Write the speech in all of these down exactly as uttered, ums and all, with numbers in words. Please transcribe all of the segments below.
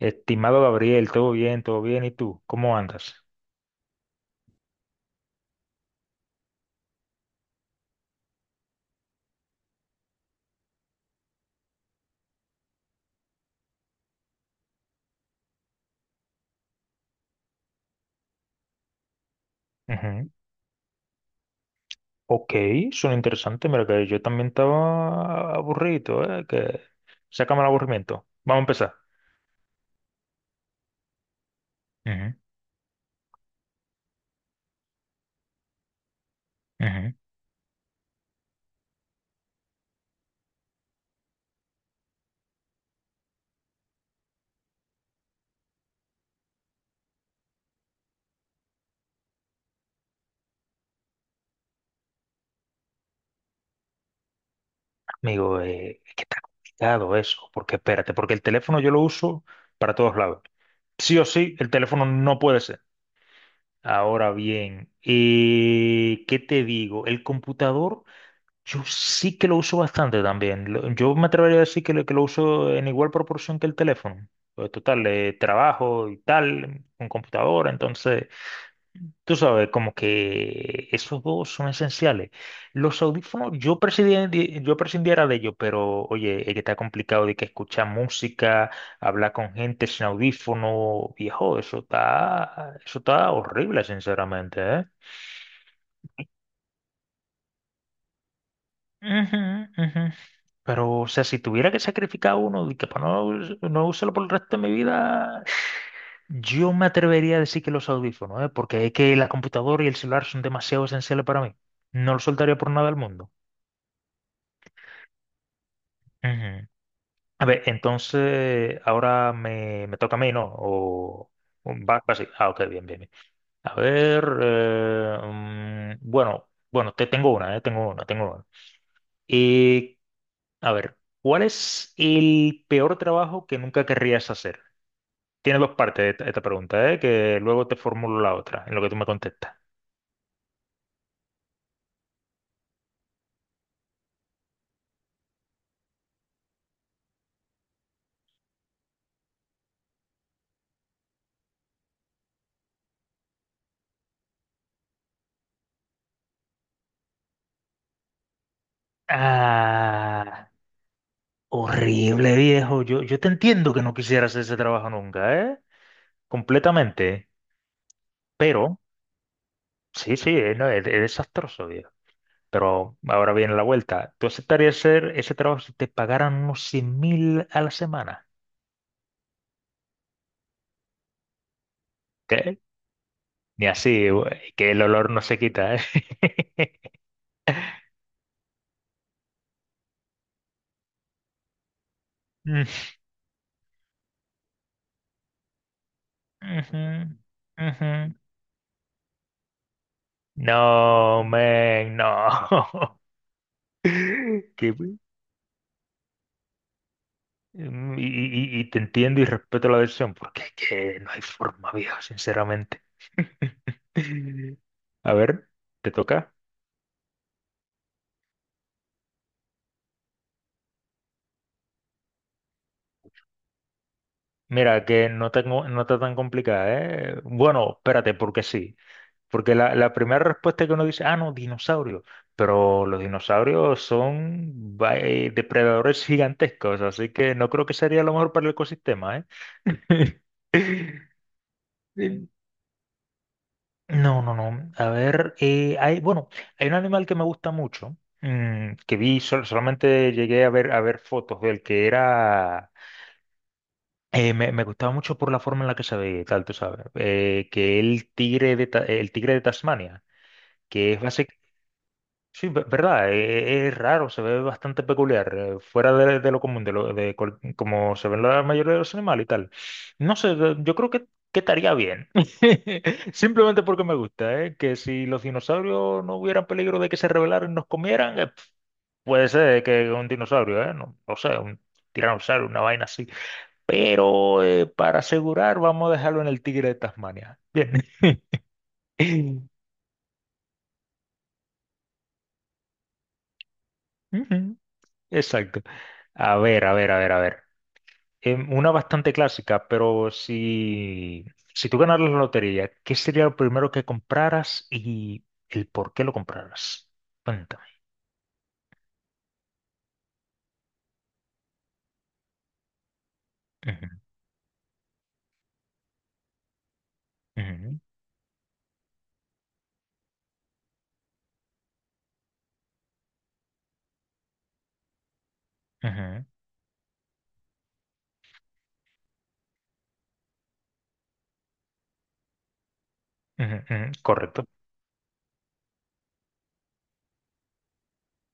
Estimado Gabriel, todo bien, todo bien. ¿Y tú? ¿Cómo andas? Ujú. Ok, suena interesante. Mira que yo también estaba aburrido, ¿eh? Que sácame el aburrimiento. Vamos a empezar. Ujú, ujú. Me digo eh, es que está complicado eso, porque espérate, porque el teléfono yo lo uso para todos lados. Sí o sí, el teléfono no puede ser. Ahora bien, eh, ¿qué te digo? El computador, yo sí que lo uso bastante también. Lo- Yo me atrevería a decir que lo, que lo uso en igual proporción que el teléfono. Pues, total, eh, trabajo y tal, con computadora, entonces. Tú sabes, como que esos dos son esenciales. Los audífonos, yo prescindiera, yo prescindiera de ellos, pero oye, es que está complicado de que escuchar música, hablar con gente sin audífono, viejo, eso está, eso está horrible, sinceramente, ¿eh? Ujú, ujú. Pero, o sea, si tuviera que sacrificar uno, de que para no, us- no usarlo por el resto de mi vida, yo me atrevería a decir que los audífonos, ¿eh? Porque es que la computadora y el celular son demasiado esenciales para mí. No los soltaría por nada del mundo. Ujú. A ver, entonces ahora me, me toca a mí, ¿no? O, o va, va así. Ah, ok, bien, bien, bien. A ver, eh, mm, bueno, bueno, te tengo una, eh, tengo una, tengo una. Y, a ver, ¿cuál es el peor trabajo que nunca querrías hacer? Tiene dos partes esta, esta pregunta, ¿eh? Que luego te formulo la otra, en lo que tú me contestas. Ah, horrible, viejo. Yo, yo te entiendo que no quisieras hacer ese trabajo nunca, ¿eh? Completamente. Pero. Sí, sí, eh, no, es, es desastroso, viejo. Pero ahora viene la vuelta. ¿Tú aceptarías hacer ese trabajo si te pagaran unos cien mil a la semana? ¿Qué? Ni así, güey, que el olor no se quita, ¿eh? Mm, ujú, ujú. No, man, no. Que, güey, mm, y, y- y te entiendo y respeto la decisión, porque es que no hay forma, viejo, sinceramente. A ver, ¿te toca? Mira, que no tengo, no no está tan complicada, ¿eh? Bueno, espérate, porque sí. Porque la, la primera respuesta que uno dice, ah, no, dinosaurio. Pero los dinosaurios son va- eh, depredadores gigantescos, así que no creo que sería lo mejor para el ecosistema, ¿eh? Sí. No, no, no. A ver, eh, hay, bueno, hay un animal que me gusta mucho, mm, que vi, sol- solamente llegué a ver, a ver fotos del que era. Eh, me, me gustaba mucho por la forma en la que se veía y tal, tú sabes. Eh, que el tigre de, Ta- el tigre de Tasmania, que es básicamente. Sí, ve- verdad, eh, es raro, se ve bastante peculiar, eh, fuera de, de lo común, de, lo, de cual- como se ven la mayoría de los animales y tal. No sé, de- yo creo que, que estaría bien. Simplemente porque me gusta, ¿eh? Que si los dinosaurios no hubieran peligro de que se rebelaran y nos comieran, eh, puede ser eh, que un dinosaurio, ¿eh? No, no sé, un tiranosaurio, una vaina, pero eh, para asegurar, vamos a dejarlo en el Tigre de Tasmania. Bien. Ujú, exacto. A ver, a ver, a ver, a ver. Em, una bastante clásica, pero si, si tú ganaras la lotería, ¿qué sería lo primero que compraras y el por qué lo compraras? Cuéntame. Ujú, ujú, ujú, ujú, ujú. Correcto.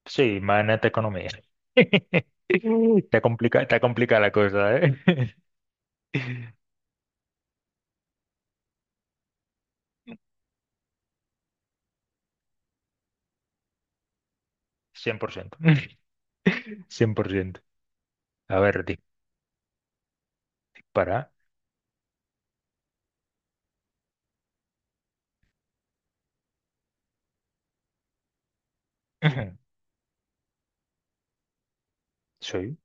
Sí, imagínate economía. Está complica, está complicada la cosa, ¿eh? Cien Cien por ciento. Cien por ciento. A ver, di- dispara. Soy.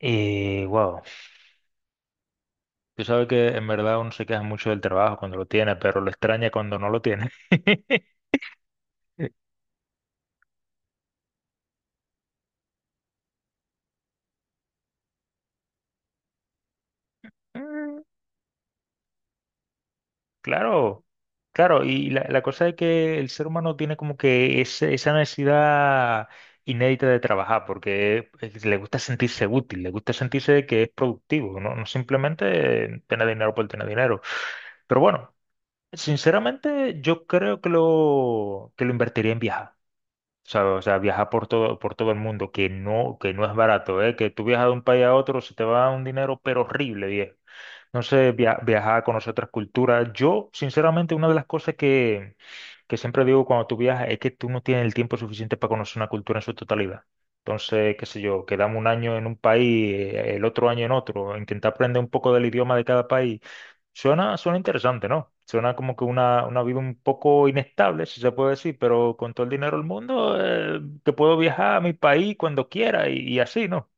Y wow. Tú sabes que en verdad uno se queja mucho del trabajo cuando lo tiene, pero lo extraña cuando no lo tiene. Mm, claro, claro. Y la, la cosa es que el ser humano tiene como que ese- esa necesidad inédita de trabajar, porque es- le gusta sentirse útil, le gusta sentirse de que es productivo, no, no simplemente tener dinero por tener dinero. Pero bueno, sinceramente yo creo que lo, que lo invertiría en viajar. O sea, o sea, viajar por todo, por todo el mundo, que no, que no es barato, ¿eh? Que tú viajas de un país a otro, se te va un dinero, pero horrible, viejo. No sé, via- viajar, conocer otras culturas. Yo, sinceramente, una de las cosas que, que siempre digo cuando tú viajas es que tú no tienes el tiempo suficiente para conocer una cultura en su totalidad. Entonces, qué sé yo, quedamos un año en un país, eh, el otro año en otro, intentar aprender un poco del idioma de cada país. Suena, suena interesante, ¿no? Suena como que una, una vida un poco inestable, si se puede decir, pero con todo el dinero del mundo, eh, que puedo viajar a mi país cuando quiera y, y así, ¿no?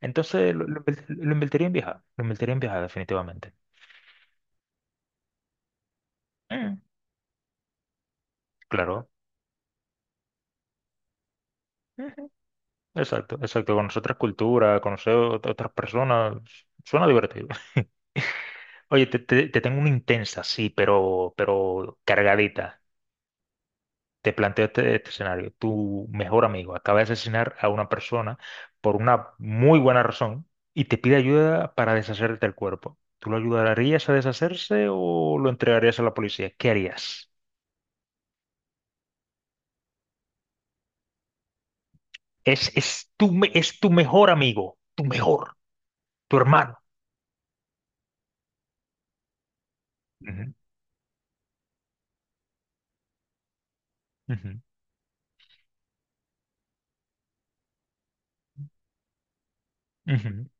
Entonces, lo, lo invert- lo invertiría en viajar, lo invertiría en viajar definitivamente. Mm, claro. Ujú. Exacto, exacto. Conocer otras culturas, conocer ot- otras personas. Suena divertido. Oye, te, te- te tengo una intensa, sí, pero, pero cargadita. Te planteo este, este escenario. Tu mejor amigo acaba de asesinar a una persona por una muy buena razón y te pide ayuda para deshacerte del cuerpo. ¿Tú lo ayudarías a deshacerse o lo entregarías a la policía? ¿Qué harías? Es, es tu, me- es tu mejor amigo, tu mejor, tu hermano. Ujú, ujú, ujú.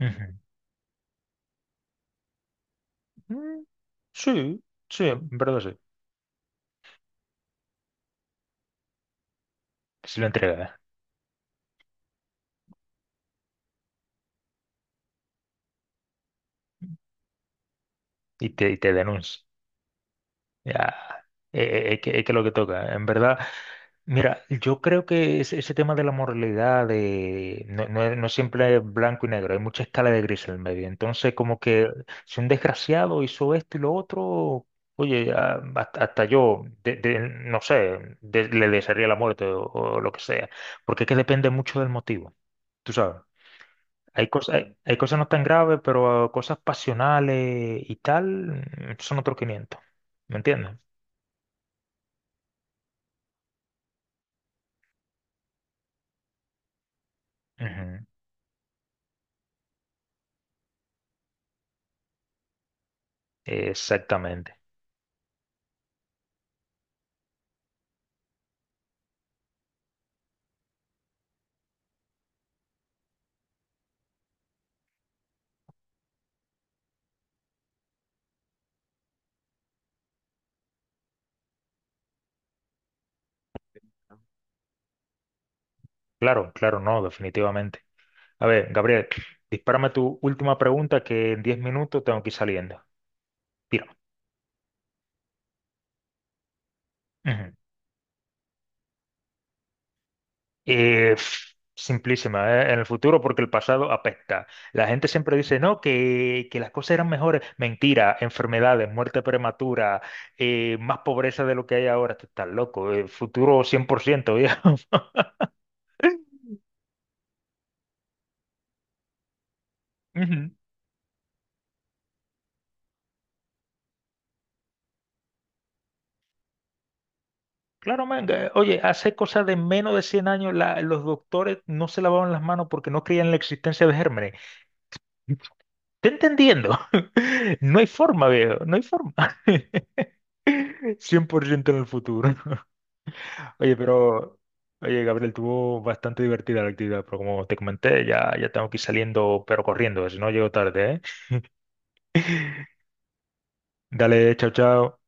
Ujú. Mm, sí, sí, en verdad sí. ¿Que lo entrega, eh, y te, y te denuncia? Ya, eh, eh, eh, que, eh, que lo que toca. En verdad, mira, yo creo que ese, ese tema de la moralidad de, no, no es- no siempre es blanco y negro, hay mucha escala de gris en el medio. Entonces, como que si un desgraciado hizo esto y lo otro, oye, a- hasta, hasta yo, de- de- no sé, de- le desearía la muerte o, o lo que sea, porque es que depende mucho del motivo, tú sabes. Hay cosas, hay, hay cosas no tan graves, pero ah, cosas pasionales y tal, mm, son otros quinientos. ¿Me entiendes? Ujú, exactamente. Claro, claro, no, definitivamente. A ver, Gabriel, dispárame tu última pregunta, que en diez minutos tengo que ir saliendo. Tira. Ujú. Eh, pf, simplísima. eh, En el futuro, porque el pasado apesta. La gente siempre dice, no, que, que las cosas eran mejores. Mentira, enfermedades, muerte prematura, eh, más pobreza de lo que hay ahora. Tú estás loco. El futuro cien por ciento, viejo. Ujú. Claro, man, eh, oye, hace cosa de menos de cien años la- los doctores no se lavaban las manos porque no creían en la existencia de gérmenes. ¿Te entendiendo? No hay forma, viejo, no hay forma. Cien por ciento en el futuro. Oye, pero, oye, Gabriel, tuvo bastante divertida la actividad, pero como te comenté, ya, ya, tengo que ir saliendo, pero corriendo, si no llego tarde, ¿eh? Dale, chao, chao.